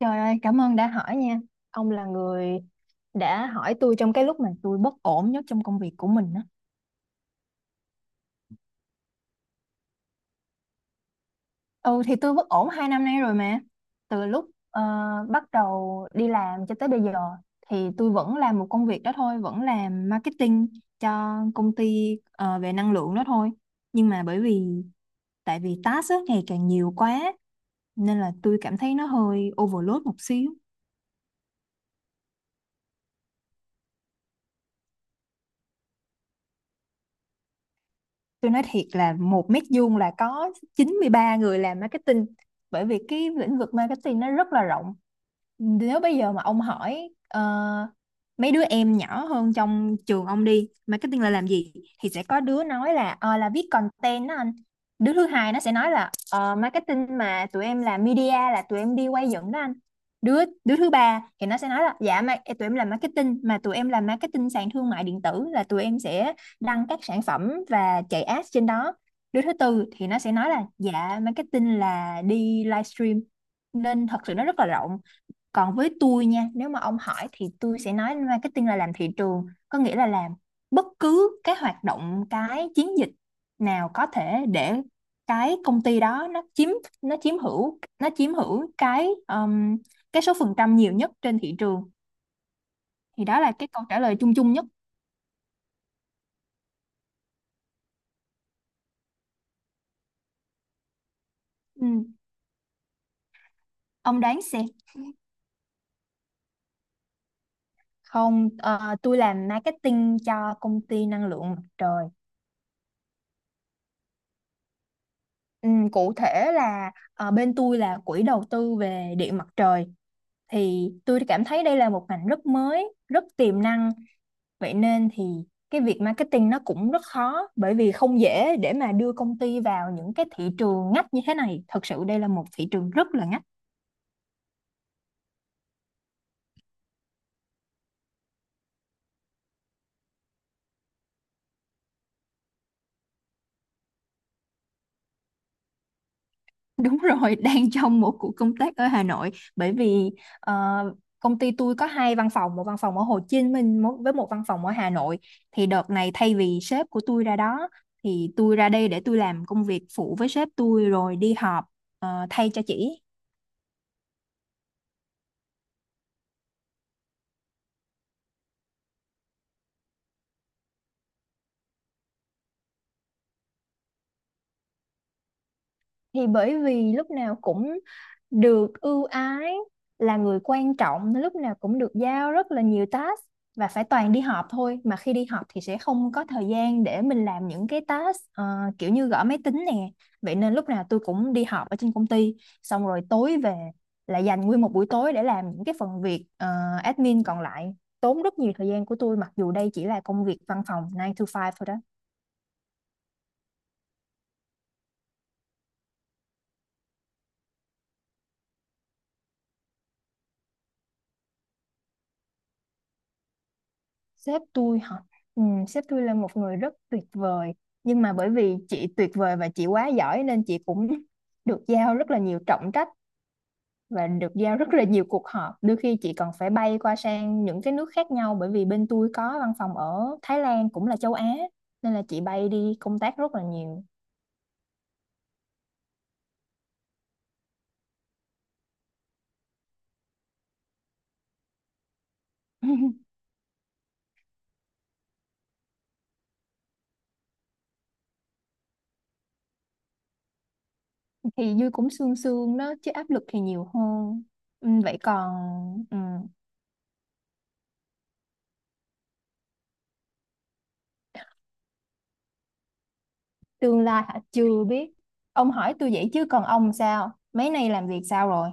Trời ơi, cảm ơn đã hỏi nha. Ông là người đã hỏi tôi trong cái lúc mà tôi bất ổn nhất trong công việc của mình á. Ừ thì tôi bất ổn 2 năm nay rồi mà. Từ lúc ờ, bắt đầu đi làm cho tới bây giờ thì tôi vẫn làm một công việc đó thôi, vẫn làm marketing cho công ty về năng lượng đó thôi. Nhưng mà bởi vì tại vì task á, ngày càng nhiều quá nên là tôi cảm thấy nó hơi overload một xíu. Tôi nói thiệt là một mét vuông là có 93 người làm marketing, bởi vì cái lĩnh vực marketing nó rất là rộng. Nếu bây giờ mà ông hỏi mấy đứa em nhỏ hơn trong trường ông đi, marketing là làm gì, thì sẽ có đứa nói là là viết content đó anh. Đứa thứ hai nó sẽ nói là marketing mà tụi em làm media là tụi em đi quay dựng đó anh. Đứa đứa thứ ba thì nó sẽ nói là dạ mà tụi em làm marketing mà tụi em làm marketing sàn thương mại điện tử, là tụi em sẽ đăng các sản phẩm và chạy ads trên đó. Đứa thứ tư thì nó sẽ nói là dạ marketing là đi livestream, nên thật sự nó rất là rộng. Còn với tôi nha, nếu mà ông hỏi thì tôi sẽ nói marketing là làm thị trường, có nghĩa là làm bất cứ cái hoạt động, cái chiến dịch nào có thể để cái công ty đó nó chiếm hữu cái số phần trăm nhiều nhất trên thị trường. Thì đó là cái câu trả lời chung chung nhất. Ừ. Ông đoán xem. Không, tôi làm marketing cho công ty năng lượng mặt trời. Ừ, cụ thể là bên tôi là quỹ đầu tư về điện mặt trời. Thì tôi cảm thấy đây là một ngành rất mới, rất tiềm năng. Vậy nên thì cái việc marketing nó cũng rất khó, bởi vì không dễ để mà đưa công ty vào những cái thị trường ngách như thế này. Thật sự đây là một thị trường rất là ngách. Đúng rồi, đang trong một cuộc công tác ở Hà Nội bởi vì ờ, công ty tôi có hai văn phòng, một văn phòng ở Hồ Chí Minh với một văn phòng ở Hà Nội. Thì đợt này thay vì sếp của tôi ra đó thì tôi ra đây để tôi làm công việc phụ với sếp tôi rồi đi họp thay cho chị. Thì bởi vì lúc nào cũng được ưu ái, là người quan trọng, lúc nào cũng được giao rất là nhiều task, và phải toàn đi họp thôi, mà khi đi họp thì sẽ không có thời gian để mình làm những cái task kiểu như gõ máy tính nè. Vậy nên lúc nào tôi cũng đi họp ở trên công ty, xong rồi tối về là dành nguyên một buổi tối để làm những cái phần việc admin còn lại, tốn rất nhiều thời gian của tôi, mặc dù đây chỉ là công việc văn phòng nine to five thôi đó. Sếp tôi hả? Ừ, sếp tôi là một người rất tuyệt vời. Nhưng mà bởi vì chị tuyệt vời và chị quá giỏi nên chị cũng được giao rất là nhiều trọng trách và được giao rất là nhiều cuộc họp. Đôi khi chị còn phải bay qua sang những cái nước khác nhau, bởi vì bên tôi có văn phòng ở Thái Lan, cũng là châu Á, nên là chị bay đi công tác rất là nhiều. Thì vui cũng sương sương đó chứ áp lực thì nhiều hơn. Ừ, vậy còn ừ. Tương lai hả? Chưa biết. Ông hỏi tôi vậy chứ còn ông sao? Mấy nay làm việc sao rồi?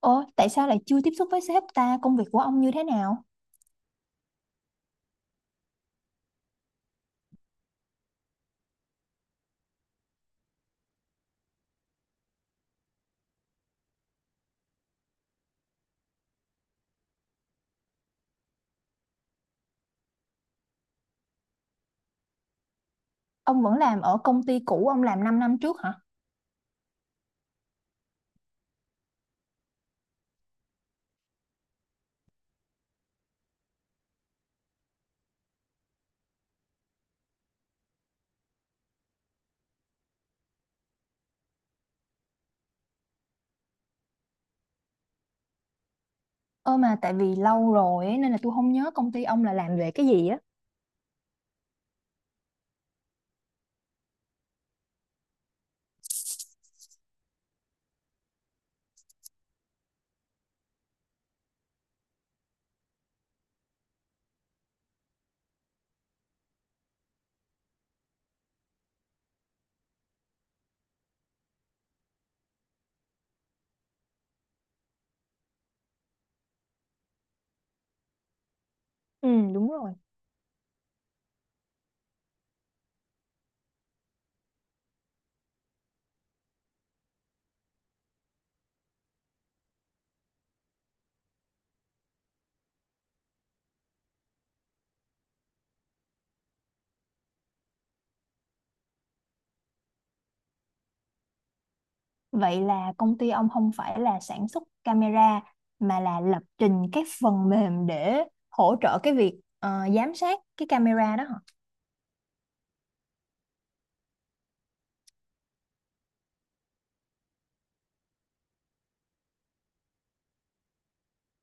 Ồ, tại sao lại chưa tiếp xúc với sếp ta? Công việc của ông như thế nào? Ông vẫn làm ở công ty cũ ông làm 5 năm trước hả? Ơ mà tại vì lâu rồi ấy, nên là tôi không nhớ công ty ông là làm về cái gì á. Ừ, đúng rồi. Vậy là công ty ông không phải là sản xuất camera, mà là lập trình các phần mềm để hỗ trợ cái việc giám sát cái camera đó hả?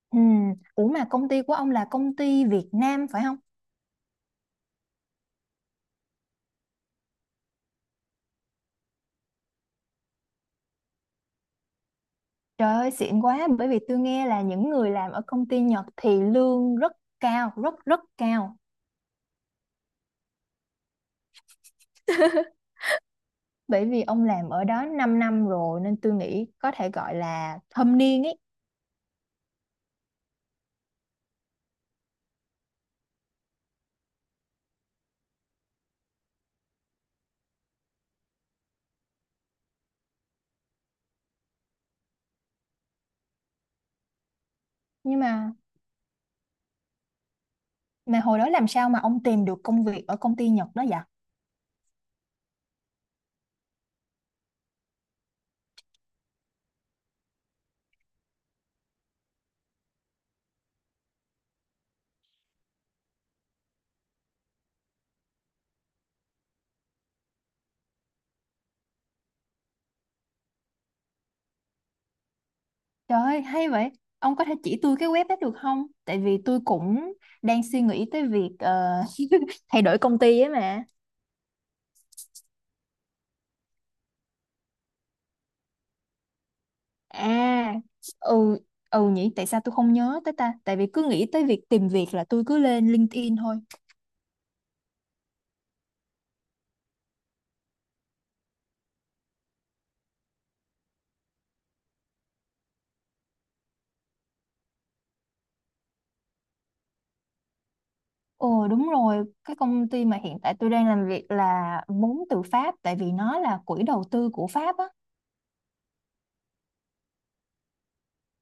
Ừ, ủa mà công ty của ông là công ty Việt Nam phải không? Trời ơi, xịn quá, bởi vì tôi nghe là những người làm ở công ty Nhật thì lương rất cao, rất rất cao. Bởi vì ông làm ở đó 5 năm rồi nên tôi nghĩ có thể gọi là thâm niên ấy. Nhưng mà hồi đó làm sao mà ông tìm được công việc ở công ty Nhật đó vậy? Trời ơi, hay vậy. Ông có thể chỉ tôi cái web đó được không? Tại vì tôi cũng đang suy nghĩ tới việc thay đổi công ty ấy mà. À, ừ, ừ nhỉ, tại sao tôi không nhớ tới ta? Tại vì cứ nghĩ tới việc tìm việc là tôi cứ lên LinkedIn thôi. Ồ đúng rồi, cái công ty mà hiện tại tôi đang làm việc là vốn từ Pháp, tại vì nó là quỹ đầu tư của Pháp á.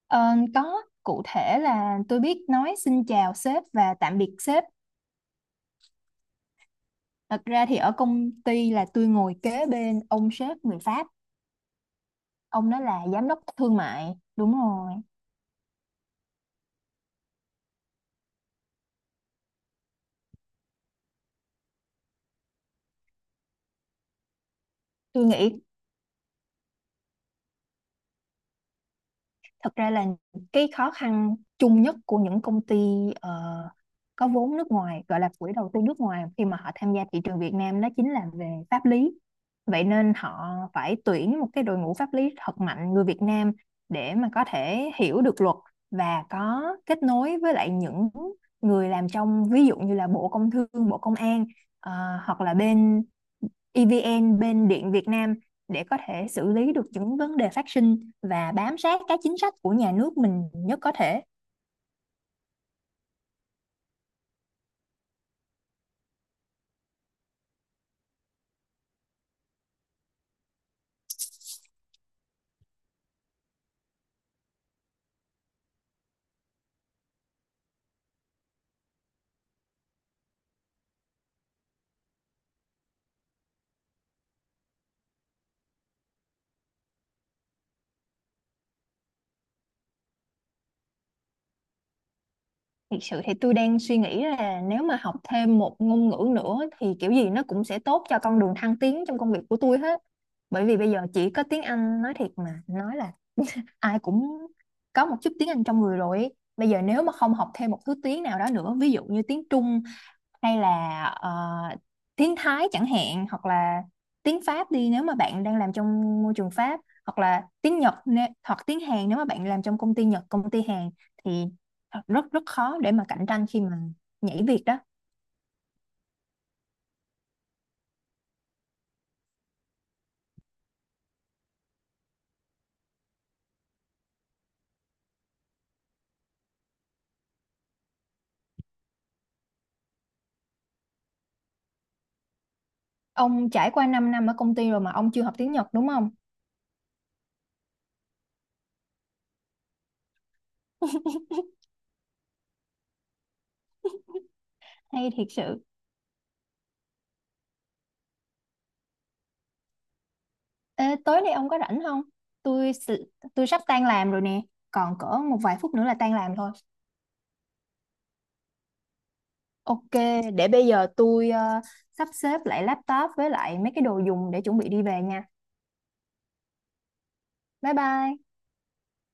Ờ, có, cụ thể là tôi biết nói xin chào sếp và tạm biệt sếp. Thật ra thì ở công ty là tôi ngồi kế bên ông sếp người Pháp, ông đó là giám đốc thương mại. Đúng rồi. Tôi nghĩ thật ra là cái khó khăn chung nhất của những công ty ờ, có vốn nước ngoài, gọi là quỹ đầu tư nước ngoài khi mà họ tham gia thị trường Việt Nam, đó chính là về pháp lý. Vậy nên họ phải tuyển một cái đội ngũ pháp lý thật mạnh người Việt Nam để mà có thể hiểu được luật và có kết nối với lại những người làm trong, ví dụ như là Bộ Công Thương, Bộ Công an, ờ, hoặc là bên EVN, bên Điện Việt Nam, để có thể xử lý được những vấn đề phát sinh và bám sát các chính sách của nhà nước mình nhất có thể. Thực sự thì tôi đang suy nghĩ là nếu mà học thêm một ngôn ngữ nữa thì kiểu gì nó cũng sẽ tốt cho con đường thăng tiến trong công việc của tôi hết. Bởi vì bây giờ chỉ có tiếng Anh, nói thiệt mà nói là ai cũng có một chút tiếng Anh trong người rồi. Bây giờ nếu mà không học thêm một thứ tiếng nào đó nữa, ví dụ như tiếng Trung, hay là tiếng Thái chẳng hạn, hoặc là tiếng Pháp đi, nếu mà bạn đang làm trong môi trường Pháp, hoặc là tiếng Nhật nè- hoặc tiếng Hàn nếu mà bạn làm trong công ty Nhật, công ty Hàn, thì rất rất khó để mà cạnh tranh khi mà nhảy việc đó. Ông trải qua 5 năm ở công ty rồi mà ông chưa học tiếng Nhật đúng không? Hay thiệt sự. Ê, tối nay ông có rảnh không? tôi s- tôi sắp tan làm rồi nè, còn cỡ một vài phút nữa là tan làm thôi. Ok, để bây giờ tôi sắp xếp lại laptop với lại mấy cái đồ dùng để chuẩn bị đi về nha. Bye bye.